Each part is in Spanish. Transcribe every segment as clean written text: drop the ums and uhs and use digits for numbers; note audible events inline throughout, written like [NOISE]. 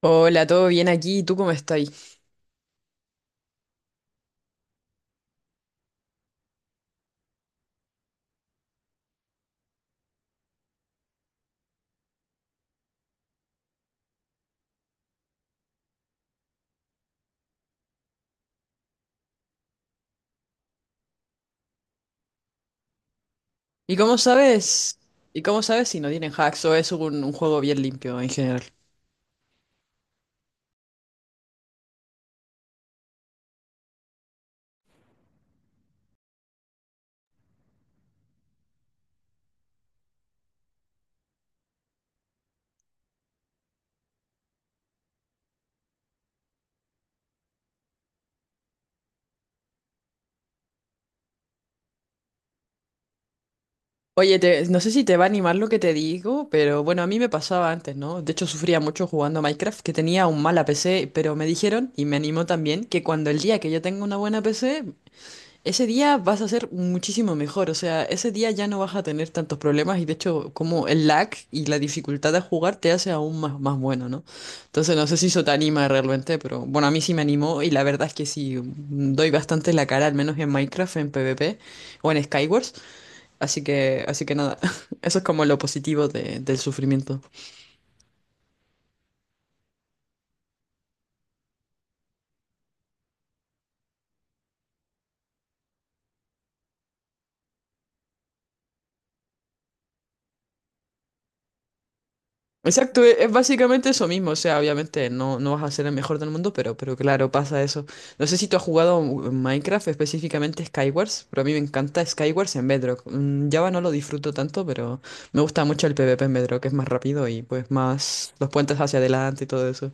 Hola, ¿todo bien aquí? ¿Y ¿Tú cómo estás? ¿Y cómo sabes? ¿Y cómo sabes si no tienen hacks o es un juego bien limpio en general? Oye, te- no sé si te va a animar lo que te digo, pero bueno, a mí me pasaba antes, ¿no? De hecho, sufría mucho jugando a Minecraft, que tenía un mala PC, pero me dijeron, y me animó también, que cuando el día que yo tenga una buena PC, ese día vas a ser muchísimo mejor, o sea, ese día ya no vas a tener tantos problemas y de hecho como el lag y la dificultad de jugar te hace aún más bueno, ¿no? Entonces no sé si eso te anima realmente, pero bueno, a mí sí me animó y la verdad es que sí, doy bastante la cara, al menos en Minecraft, en PvP o en Skywars, así que nada, [LAUGHS] eso es como lo positivo de- del sufrimiento. Exacto, e- es básicamente eso mismo, o sea, obviamente no vas a ser el mejor del mundo, pero claro, pasa eso. No sé si tú has jugado en Minecraft, específicamente Skywars, pero a mí me encanta Skywars en Bedrock. Mm, Java no lo disfruto tanto, pero me gusta mucho el PvP en Bedrock, es más rápido y pues más los puentes hacia adelante y todo eso.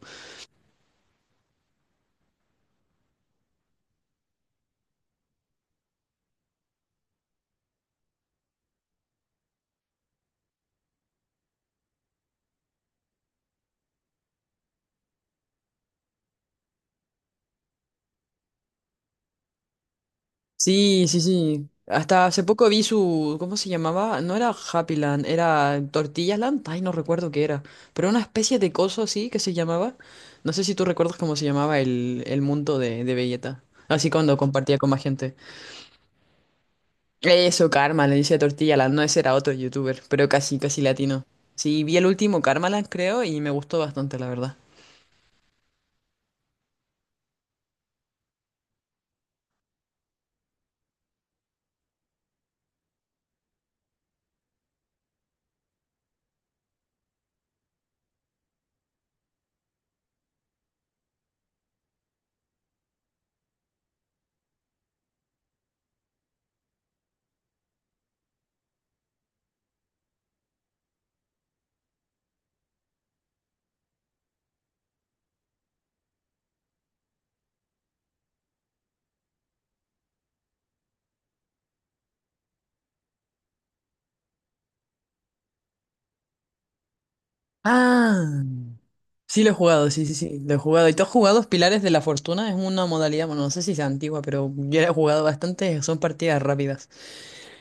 Sí, sí, sí. Hasta hace poco vi su, ¿cómo se llamaba? No era Happy Land, era Tortilla Land. Ay, no recuerdo qué era. Pero una especie de coso así que se llamaba. No sé si tú recuerdas cómo se llamaba el mundo de Vegeta. Así cuando compartía con más gente. Eso, Karma, le dice Tortilla Land. No, ese era otro youtuber, pero casi, casi latino. Sí, vi el último Karma Land, creo, y me gustó bastante, la verdad. Ah. Sí, lo he jugado, sí, sí, sí, lo he jugado. ¿Y tú has jugado Pilares de la Fortuna? Es una modalidad, bueno, no sé si sea antigua, pero yo la he jugado bastante, son partidas rápidas,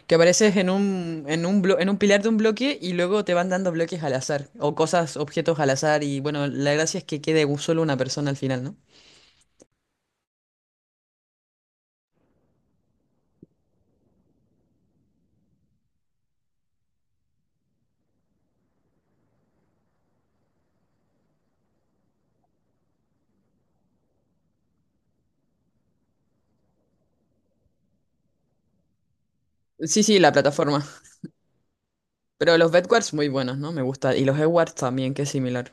que apareces blo- en un pilar de un bloque y luego te van dando bloques al azar, o cosas, objetos al azar, y bueno, la gracia es que quede un- solo una persona al final, ¿no? Sí, sí, la plataforma. Pero los Bedwars muy buenos, ¿no? Me gusta. Y los Edwards también, que es similar.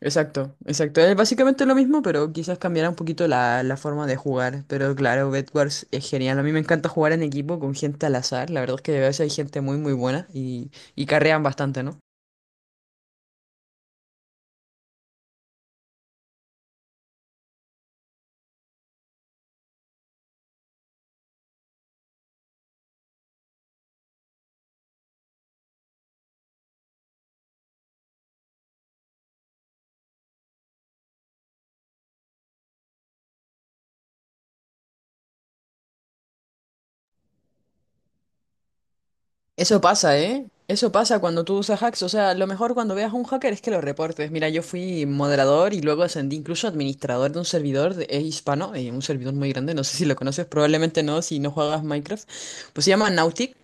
Exacto, exacto. Es básicamente lo mismo, pero quizás cambiará un poquito la forma de jugar. Pero claro, Bedwars es genial. A mí me encanta jugar en equipo con gente al azar. La verdad es que a veces hay gente muy buena y carrean bastante, ¿no? Eso pasa, ¿eh? Eso pasa cuando tú usas hacks. O sea, lo mejor cuando veas a un hacker es que lo reportes. Mira, yo fui moderador y luego ascendí incluso a administrador de un servidor de- hispano, un servidor muy grande. No sé si lo conoces, probablemente no si no juegas Minecraft. Pues se llama Nautic.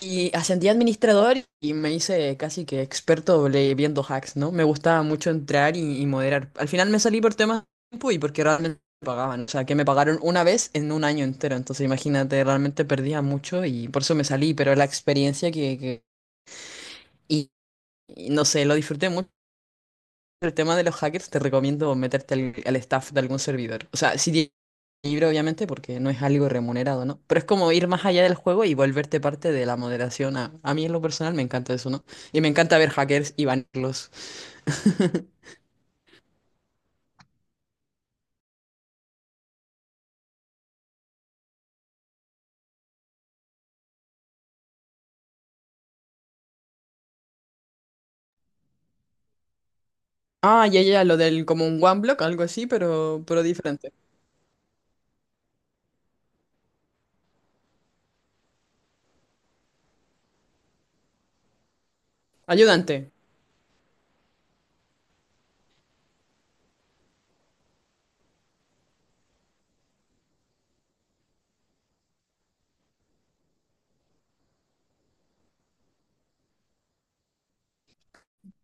Y ascendí a administrador y me hice casi que experto le- viendo hacks, ¿no? Me gustaba mucho entrar y moderar. Al final me salí por temas de tiempo y porque realmente me pagaban. O sea, que me pagaron una vez en un año entero. Entonces, imagínate, realmente perdía mucho y por eso me salí. Pero la experiencia que. Y, y no sé, lo disfruté mucho. El tema de los hackers, te recomiendo meterte al staff de algún servidor. O sea, si libre, obviamente, porque no es algo remunerado, ¿no? Pero es como ir más allá del juego y volverte parte de la moderación. A mí en lo personal me encanta eso, ¿no? Y me encanta ver hackers y banirlos. Ah, ya, ya, lo del como un one block, algo así, pero diferente. Ayudante.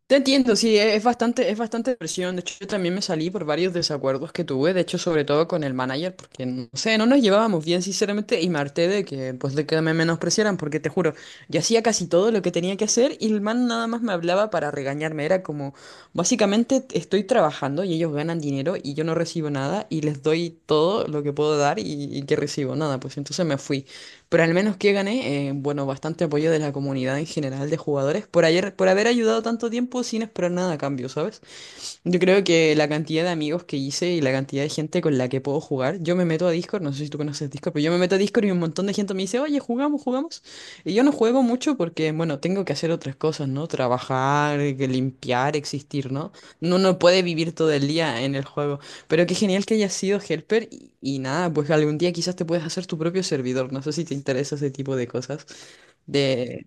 Te entiendo, sí, e- es bastante presión. De hecho, yo también me salí por varios desacuerdos que tuve, de hecho, sobre todo con el manager, porque no sé, no nos llevábamos bien, sinceramente, y me harté de que, pues, de que me menospreciaran, porque te juro, yo hacía casi todo lo que tenía que hacer y el man nada más me hablaba para regañarme. Era como, básicamente, estoy trabajando y ellos ganan dinero y yo no recibo nada y les doy todo lo que puedo dar y que recibo nada, pues entonces me fui. Pero al menos que gané, bueno, bastante apoyo de la comunidad en general de jugadores por ayer, por haber ayudado tanto tiempo sin esperar nada a cambio, ¿sabes? Yo creo que la cantidad de amigos que hice y la cantidad de gente con la que puedo jugar, yo me meto a Discord, no sé si tú conoces Discord, pero yo me meto a Discord y un montón de gente me dice, oye, jugamos, jugamos. Y yo no juego mucho porque, bueno, tengo que hacer otras cosas, ¿no? Trabajar, que limpiar, existir, ¿no? No uno no puede vivir todo el día en el juego. Pero qué genial que hayas sido helper y nada, pues algún día quizás te puedes hacer tu propio servidor, no sé si te interesa ese tipo de cosas, de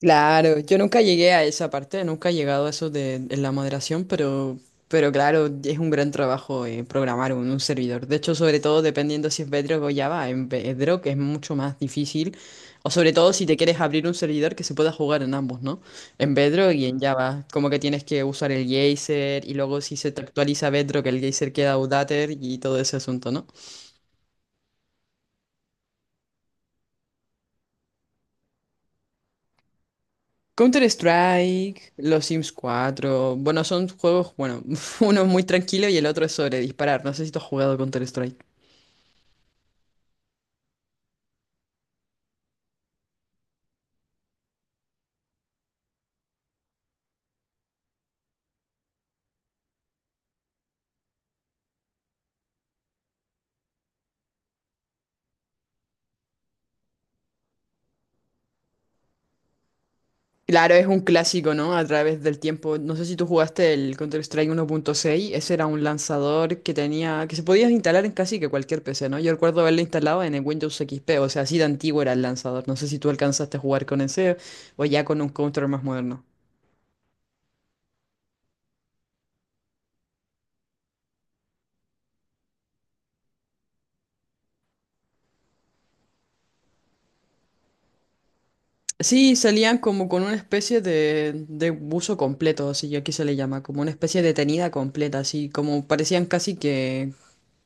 Claro, yo nunca llegué a esa parte, nunca he llegado a eso de la moderación, pero claro, es un gran trabajo programar un servidor. De hecho, sobre todo dependiendo si es Bedrock o Java, en Bedrock es mucho más difícil, o sobre todo si te quieres abrir un servidor que se pueda jugar en ambos, ¿no? En Bedrock y en Java, como que tienes que usar el geyser y luego si se te actualiza Bedrock, el geyser queda outdated y todo ese asunto, ¿no? Counter-Strike, los Sims 4, bueno, son juegos, bueno, [LAUGHS] uno es muy tranquilo y el otro es sobre disparar. No sé si tú has jugado Counter-Strike. Claro, es un clásico, ¿no? A través del tiempo. No sé si tú jugaste el Counter-Strike 1.6. Ese era un lanzador que tenía, que se podía instalar en casi que cualquier PC, ¿no? Yo recuerdo haberlo instalado en el Windows XP, o sea, así de antiguo era el lanzador. No sé si tú alcanzaste a jugar con ese o ya con un Counter más moderno. Sí, salían como con una especie de buzo completo, así que aquí se le llama, como una especie de tenida completa, así como parecían casi que,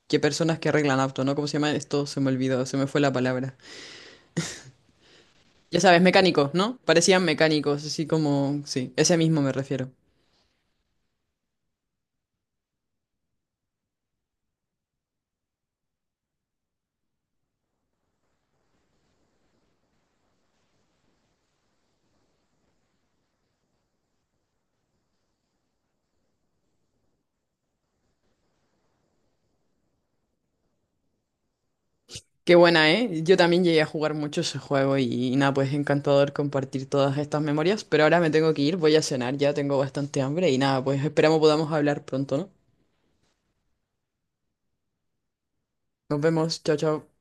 que personas que arreglan auto, ¿no? ¿Cómo se llama esto? Se me olvidó, se me fue la palabra. Ya sabes, mecánicos, ¿no? Parecían mecánicos, así como, sí, ese mismo me refiero. Qué buena, ¿eh? Yo también llegué a jugar mucho ese juego y nada, pues encantador compartir todas estas memorias, pero ahora me tengo que ir, voy a cenar, ya tengo bastante hambre y nada, pues esperamos podamos hablar pronto, ¿no? Nos vemos, chao, chao.